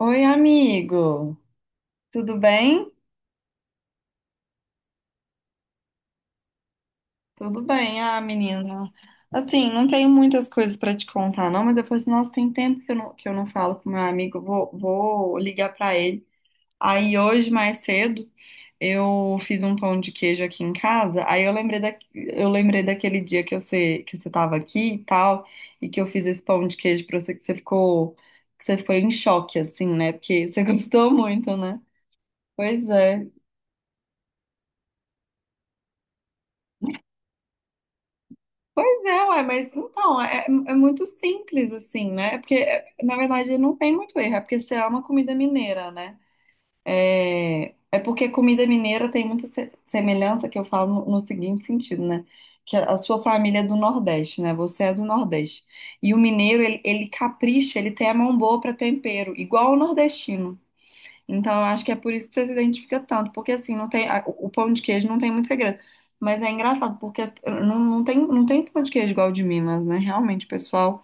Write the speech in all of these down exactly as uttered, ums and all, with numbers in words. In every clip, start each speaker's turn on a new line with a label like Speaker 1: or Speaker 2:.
Speaker 1: Oi, amigo. Tudo bem? Tudo bem, ah, menina. Assim, não tenho muitas coisas para te contar, não, mas eu falei assim, nossa, tem tempo que eu não, que eu não falo com meu amigo, vou, vou ligar para ele. Aí hoje, mais cedo, eu fiz um pão de queijo aqui em casa, aí eu lembrei da, eu lembrei daquele dia que você, que você tava aqui e tal, e que eu fiz esse pão de queijo para você, que você ficou, que você ficou em choque, assim, né? Porque você gostou muito, né? Pois é. Pois é, ué, mas então, é, é é muito simples assim, né? É porque, é, na verdade, não tem muito erro, é porque você ama comida mineira, né? É, é porque comida mineira tem muita se- semelhança, que eu falo no, no seguinte sentido, né? Que a, a sua família é do Nordeste, né? Você é do Nordeste. E o mineiro, ele, ele capricha, ele tem a mão boa para tempero, igual o nordestino. Então, eu acho que é por isso que você se identifica tanto, porque assim, não tem, a- o pão de queijo não tem muito segredo. Mas é engraçado, porque as- não, não tem, não tem pão de queijo igual o de Minas, né? Realmente, o pessoal.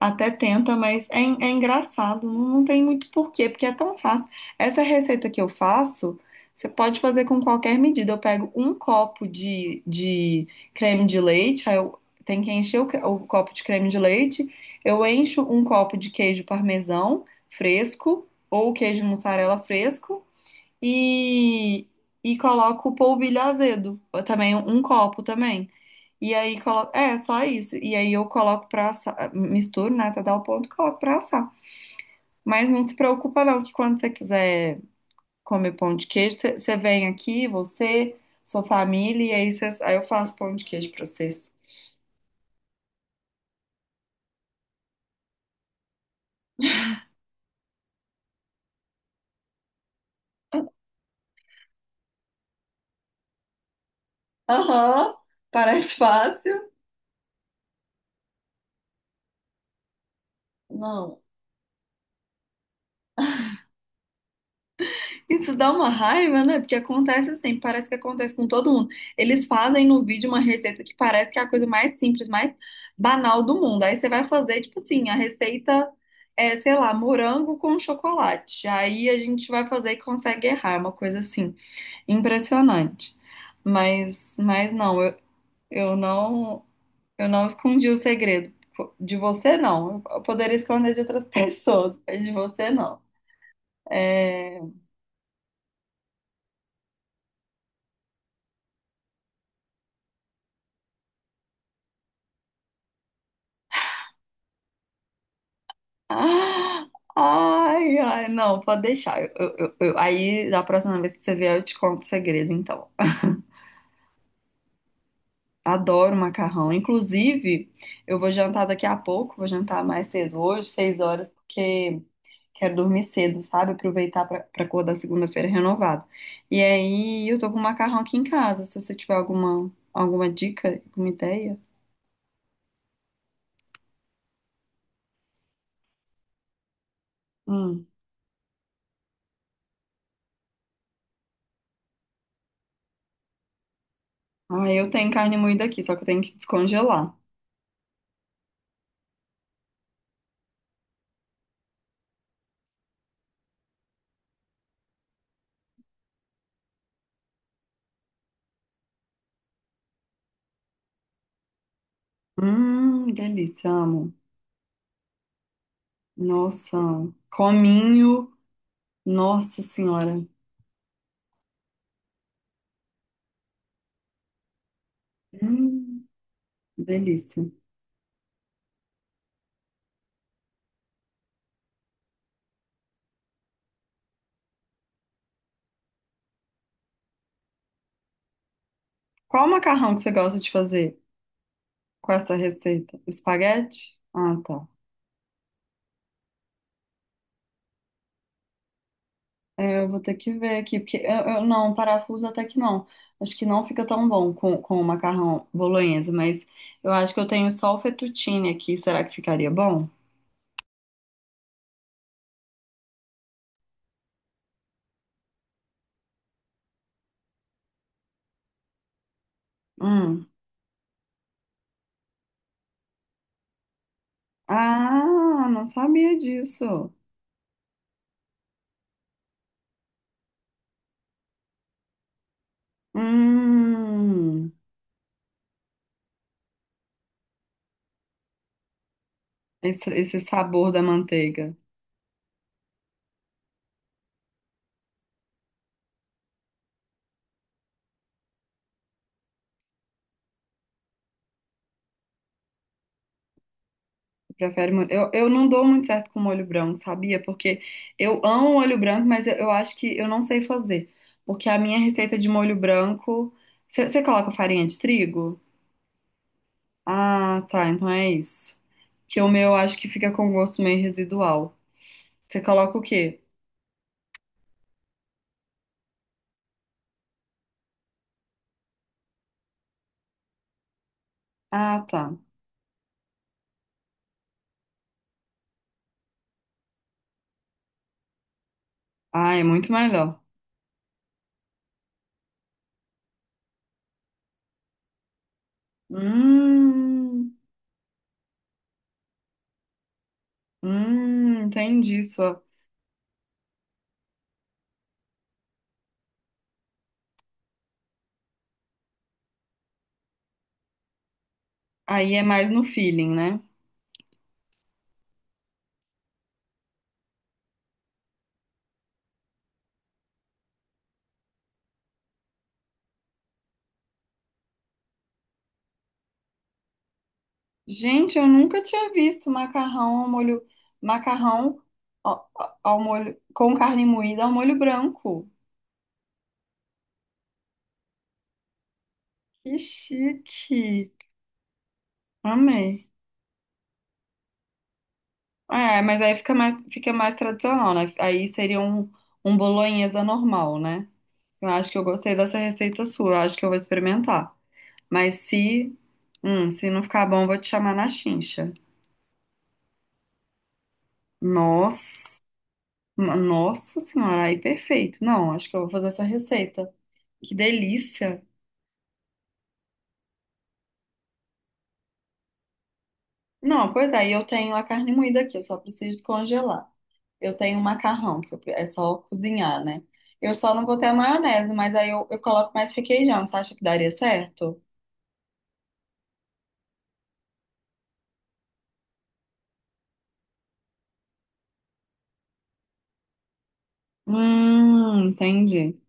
Speaker 1: Até tenta, mas é, en- é engraçado, não, não tem muito porquê, porque é tão fácil. Essa receita que eu faço, você pode fazer com qualquer medida. Eu pego um copo de, de creme de leite, aí eu tenho que encher o, cre- o copo de creme de leite, eu encho um copo de queijo parmesão fresco, ou queijo mussarela fresco, e, e coloco polvilho azedo, ou também um copo também. E aí, colo... é só isso. E aí eu coloco pra assar, misturo, né, até dar o ponto, coloco pra assar. Mas não se preocupa não, que quando você quiser comer pão de queijo, você você vem aqui, você, sua família, e aí, cês- aí eu faço pão de queijo pra vocês. Aham, parece fácil. Não. Isso dá uma raiva, né? Porque acontece assim, parece que acontece com todo mundo. Eles fazem no vídeo uma receita que parece que é a coisa mais simples, mais banal do mundo. Aí você vai fazer, tipo assim, a receita é, sei lá, morango com chocolate. Aí a gente vai fazer e consegue errar, é uma coisa assim, impressionante. Mas, mas não, eu, eu não, eu não escondi o segredo. De você, não. Eu poderia esconder de outras pessoas, mas de você, não. É, ah, Ai, ai, não, pode deixar. Eu, eu- eu- eu- aí, da próxima vez que você vier, eu te conto o segredo, então. Adoro macarrão. Inclusive, eu vou jantar daqui a pouco, vou jantar mais cedo hoje, seis horas, porque quero dormir cedo, sabe? Aproveitar pra, pra acordar segunda-feira renovado. E aí, eu tô com macarrão aqui em casa, se você tiver alguma, alguma dica, alguma ideia. Hum. Ah, eu tenho carne moída aqui, só que eu tenho que descongelar. Hum, delícia, amo. Nossa, cominho, nossa senhora. Hum, delícia. Qual macarrão que você gosta de fazer com essa receita? O espaguete? Ah, tá. É, eu vou ter que ver aqui, porque eu, eu- não, parafuso até que não. Acho que não fica tão bom com, com o macarrão bolonhesa, mas eu acho que eu tenho só o fettuccine aqui. Será que ficaria bom? Hum. Ah, não sabia disso. Hum, esse, esse sabor da manteiga. Prefere molho. Eu, eu não dou muito certo com molho branco, sabia? Porque eu amo molho branco, mas eu, eu acho que eu não sei fazer. Porque a minha receita de molho branco. Você você coloca farinha de trigo? Ah, tá. Então é isso. Que o meu eu acho que fica com gosto meio residual. Você coloca o quê? Ah, tá. Ah, é muito melhor. Hum, hum, entendi sua. Aí é mais no feeling, né? Gente, eu nunca tinha visto macarrão ao molho, macarrão ao, ao molho com carne moída ao molho branco. Que chique. Amei. É, mas aí fica mais, fica mais tradicional, né? Aí seria um, um bolonhesa normal, né? Eu acho que eu gostei dessa receita sua, eu acho que eu vou experimentar. Mas se, hum, se não ficar bom, eu vou te chamar na chincha. Nossa, nossa senhora, aí perfeito. Não, acho que eu vou fazer essa receita. Que delícia. Não, pois é, e eu tenho a carne moída aqui, eu só preciso congelar. Eu tenho o macarrão, que eu pre- é só cozinhar, né? Eu só não vou ter a maionese, mas aí eu, eu coloco mais requeijão. Você acha que daria certo? Hum, entendi.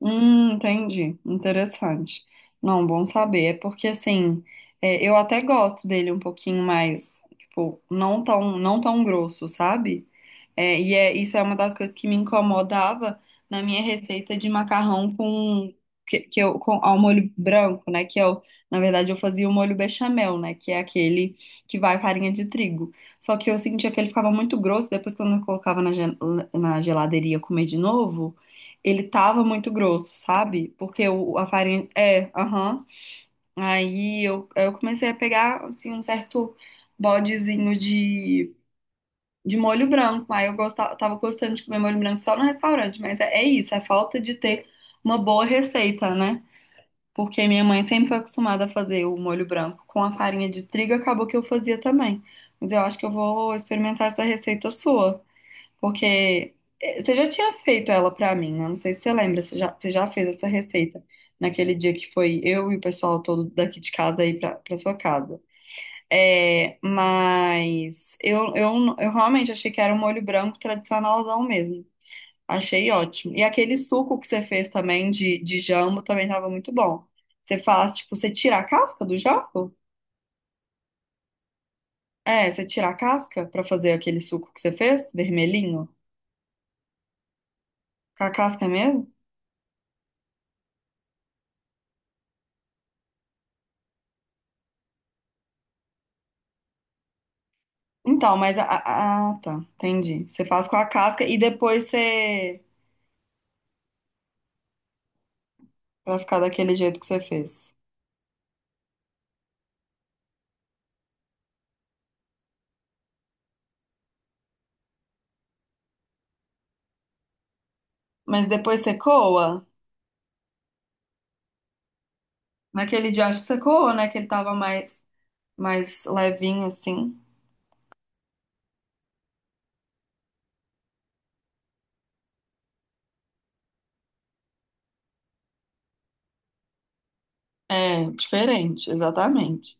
Speaker 1: Hum, entendi. Interessante. Não, bom saber. É porque assim, é, eu até gosto dele um pouquinho mais, tipo, não tão, não tão grosso, sabe? É, e é, isso é uma das coisas que me incomodava na minha receita de macarrão com que, que eu com ao molho branco, né? Que eu, na verdade, eu fazia o molho bechamel, né? Que é aquele que vai farinha de trigo. Só que eu sentia que ele ficava muito grosso. Depois, quando eu colocava na, gel- na geladeira e ia comer de novo ele tava muito grosso, sabe? Porque o, a farinha. É, aham. Aí eu, eu comecei a pegar, assim, um certo bodezinho de, de molho branco. Aí eu gostava, tava gostando de comer molho branco só no restaurante. Mas é, é isso, é falta de ter uma boa receita, né? Porque minha mãe sempre foi acostumada a fazer o molho branco com a farinha de trigo, acabou que eu fazia também. Mas eu acho que eu vou experimentar essa receita sua. Porque eh, você já tinha feito ela pra mim, né? Não sei se você lembra, você já, você já fez essa receita naquele dia que foi eu e o pessoal todo daqui de casa aí pra, pra sua casa. É, mas eu, eu, n- eu realmente achei que era um molho branco tradicionalzão mesmo. Achei ótimo. E aquele suco que você fez também de, de jambo também tava muito bom. Você faz, tipo, você tira a casca do jambo? É, você tira a casca pra fazer aquele suco que você fez, vermelhinho? Com a casca mesmo? Então, mas a, a- ah, tá, entendi. Você faz com a casca e depois você vai ficar daquele jeito que você fez. Mas depois você coa. Naquele dia acho que você coa, né? Que ele tava mais mais levinho assim. É, diferente, exatamente.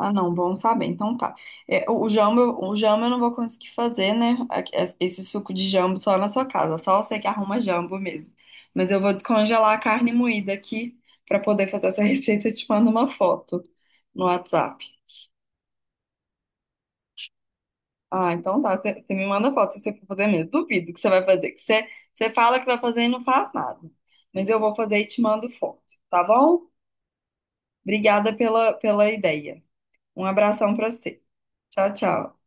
Speaker 1: Ah, não, bom saber. Então tá. É, o o jamba, o jambo eu não vou conseguir fazer, né? A- Esse suco de jambo só na sua casa. Só você que arruma jambo mesmo. Mas eu vou descongelar a carne moída aqui pra poder fazer essa receita e te mando uma foto no WhatsApp. Ah, então tá. Você me manda foto se você for fazer mesmo. Duvido que você vai fazer. Que você, você fala que vai fazer e não faz nada. Mas eu vou fazer e te mando foto, tá bom? Obrigada pela, pela ideia. Um abração pra você. Tchau, tchau.